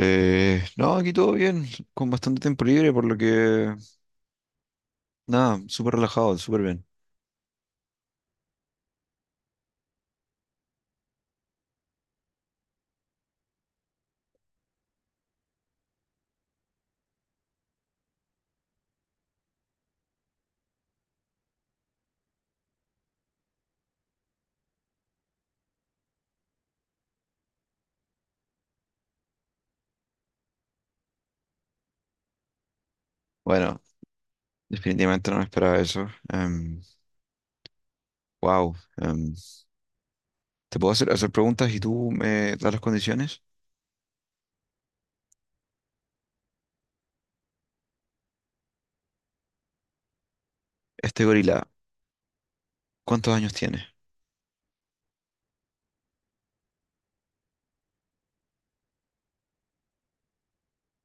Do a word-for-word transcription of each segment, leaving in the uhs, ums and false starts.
Eh, no, aquí todo bien, con bastante tiempo libre, por lo que, nada, súper relajado, súper bien. Bueno, definitivamente no me esperaba eso. Em, wow. Em, ¿te puedo hacer, hacer preguntas y tú me das las condiciones? Este gorila, ¿cuántos años tiene?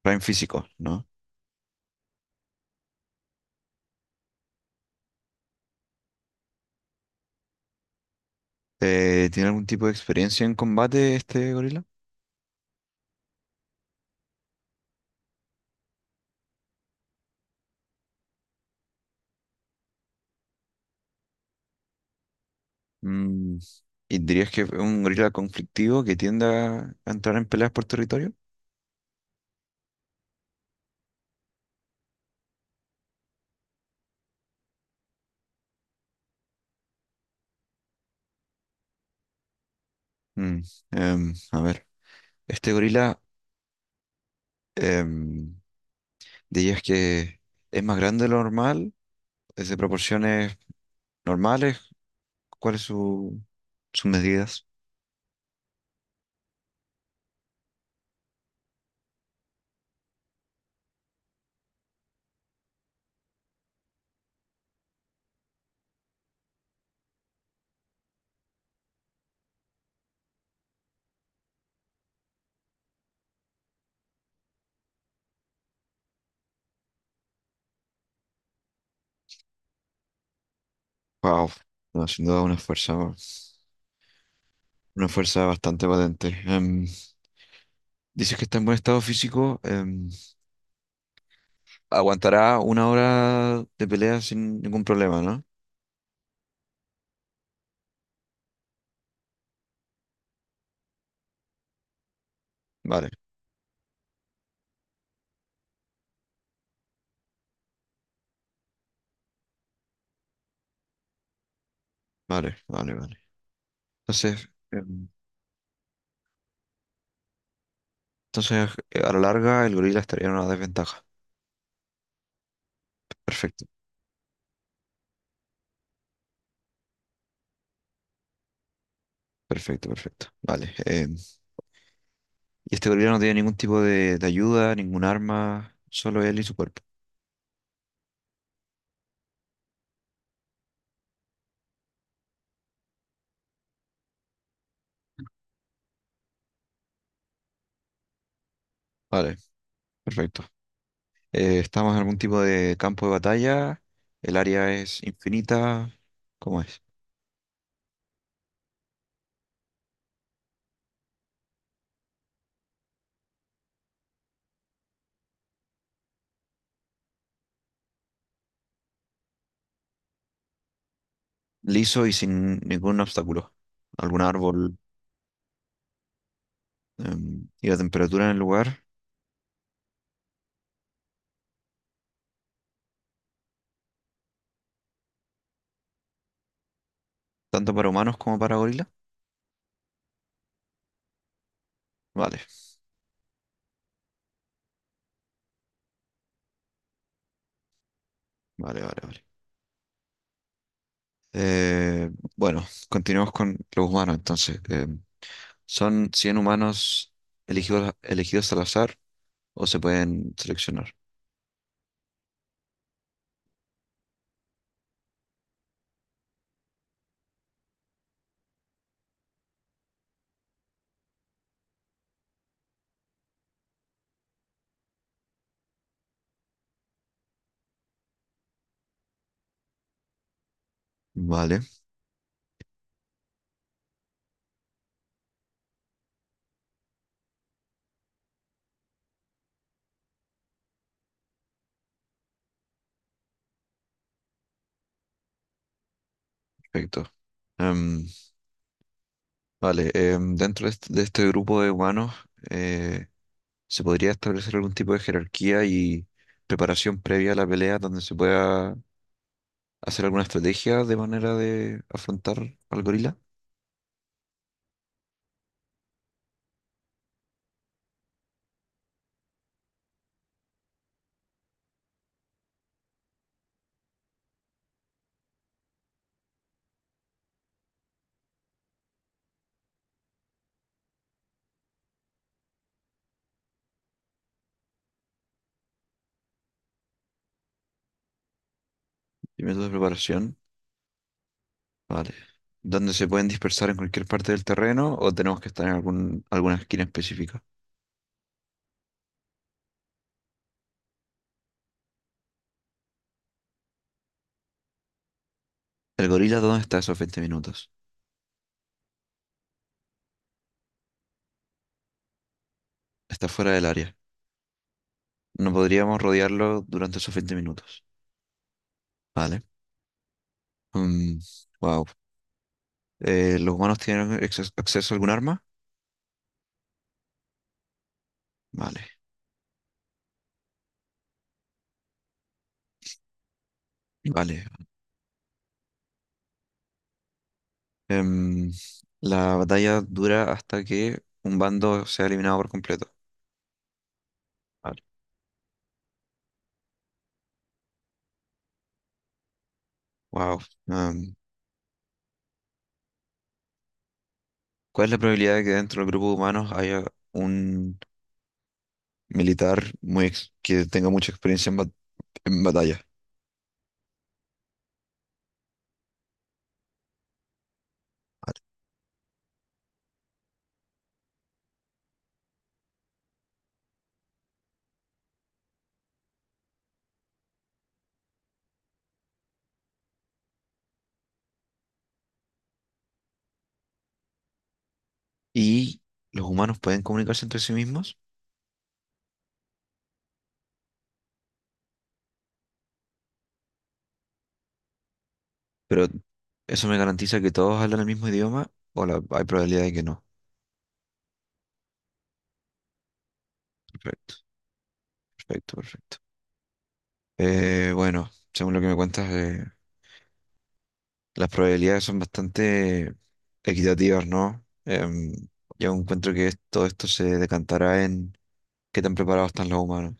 Prime físico, ¿no? Eh, ¿tiene algún tipo de experiencia en combate este gorila? Mm, ¿Y dirías que es un gorila conflictivo que tiende a a entrar en peleas por territorio? Mm, em, a ver, este gorila... em, dirías que es más grande de lo normal, es de proporciones normales, ¿cuáles son sus medidas? Wow, no, sin duda una fuerza, una fuerza bastante potente. Em, dices que está en buen estado físico, em, aguantará una hora de pelea sin ningún problema, ¿no? Vale, vale, vale, vale. Entonces, em, entonces eh, a la larga el gorila estaría en una desventaja. Perfecto, perfecto, perfecto. Vale. Eh, Y este gorila no tiene ningún tipo de, de ayuda, ningún arma, solo él y su cuerpo. Vale, perfecto. Eh, estamos en algún tipo de campo de batalla, el área es infinita, ¿cómo es? Liso y sin ningún obstáculo. ¿Algún árbol? Em, y la temperatura en el lugar, tanto para humanos como para gorila. Vale, vale, vale, vale. Eh, bueno, continuamos con los humanos entonces. Em, ¿son cien humanos elegidos, elegidos al azar o se pueden seleccionar? Vale, perfecto. Em, vale, em, dentro de este, de este grupo de humanos eh, se podría establecer algún tipo de jerarquía y preparación previa a la pelea donde se pueda hacer alguna estrategia de manera de afrontar al gorila y método de preparación. Vale. ¿Donde se pueden dispersar en cualquier parte del terreno o tenemos que estar en algún, alguna esquina específica? ¿El gorila dónde está esos veinte minutos? Está fuera del área. No podríamos rodearlo durante esos veinte minutos. Vale. Mm, wow. Eh, ¿los humanos tienen acces- acceso a algún arma? Vale, vale. Em, la batalla dura hasta que un bando sea eliminado por completo. Vale. Wow. Em, ¿Cuál es la probabilidad de que dentro del grupo de humanos haya un militar muy ex- que tenga mucha experiencia en, bat- en batalla? Vale. ¿Y los humanos pueden comunicarse entre sí mismos? Pero eso me garantiza que todos hablan el mismo idioma o la- hay probabilidad de que no. Perfecto, perfecto, perfecto. Eh, bueno, según lo que me cuentas, eh, las probabilidades son bastante equitativas, ¿no? Em, yo encuentro que es- todo esto se decantará en qué tan preparados están los humanos.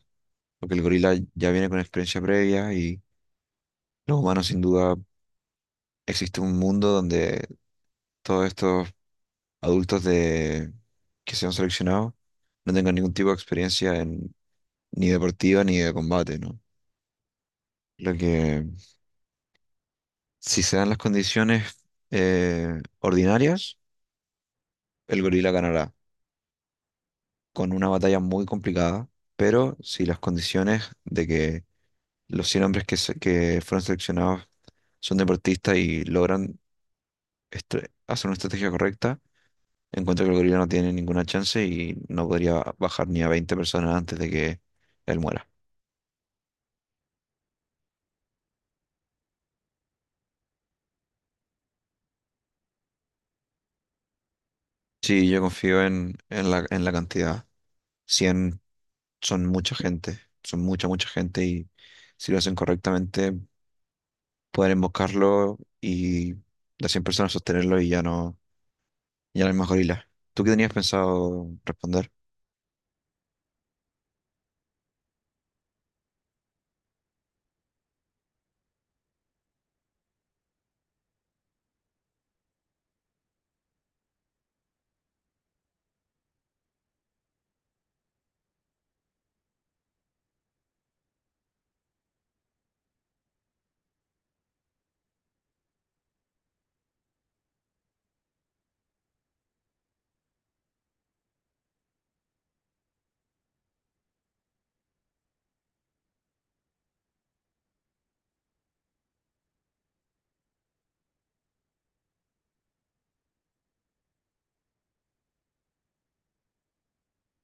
Porque el gorila ya viene con experiencia previa y los humanos sin duda existe un mundo donde todos estos adultos de, que se han seleccionado no tengan ningún tipo de experiencia en, ni deportiva ni de combate, ¿no? Lo que si se dan las condiciones eh, ordinarias, el gorila ganará, con una batalla muy complicada, pero si las condiciones de que los cien hombres que, se- que fueron seleccionados son deportistas y logran estra- hacer una estrategia correcta, encuentro que el gorila no tiene ninguna chance y no podría bajar ni a veinte personas antes de que él muera. Sí, yo confío en, en la, en la cantidad. Cien son mucha gente, son mucha, mucha gente y si lo hacen correctamente pueden emboscarlo y las cien personas sostenerlo y ya no y a la gorila. ¿Tú qué tenías pensado responder?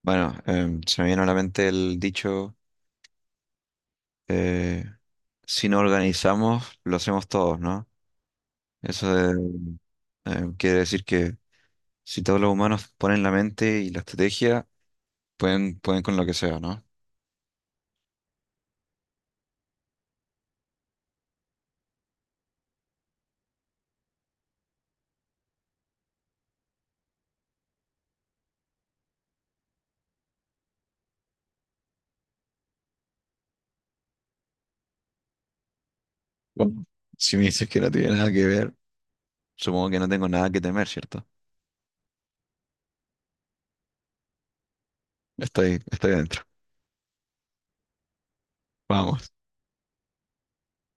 Bueno, em, se me viene a la mente el dicho, eh, si no organizamos, lo hacemos todos, ¿no? Eso de- em, quiere decir que si todos los humanos ponen la mente y la estrategia, pueden, pueden con lo que sea, ¿no? Bueno, si me dices que no tiene nada que ver, supongo que no tengo nada que temer, ¿cierto? Estoy, estoy adentro. Vamos.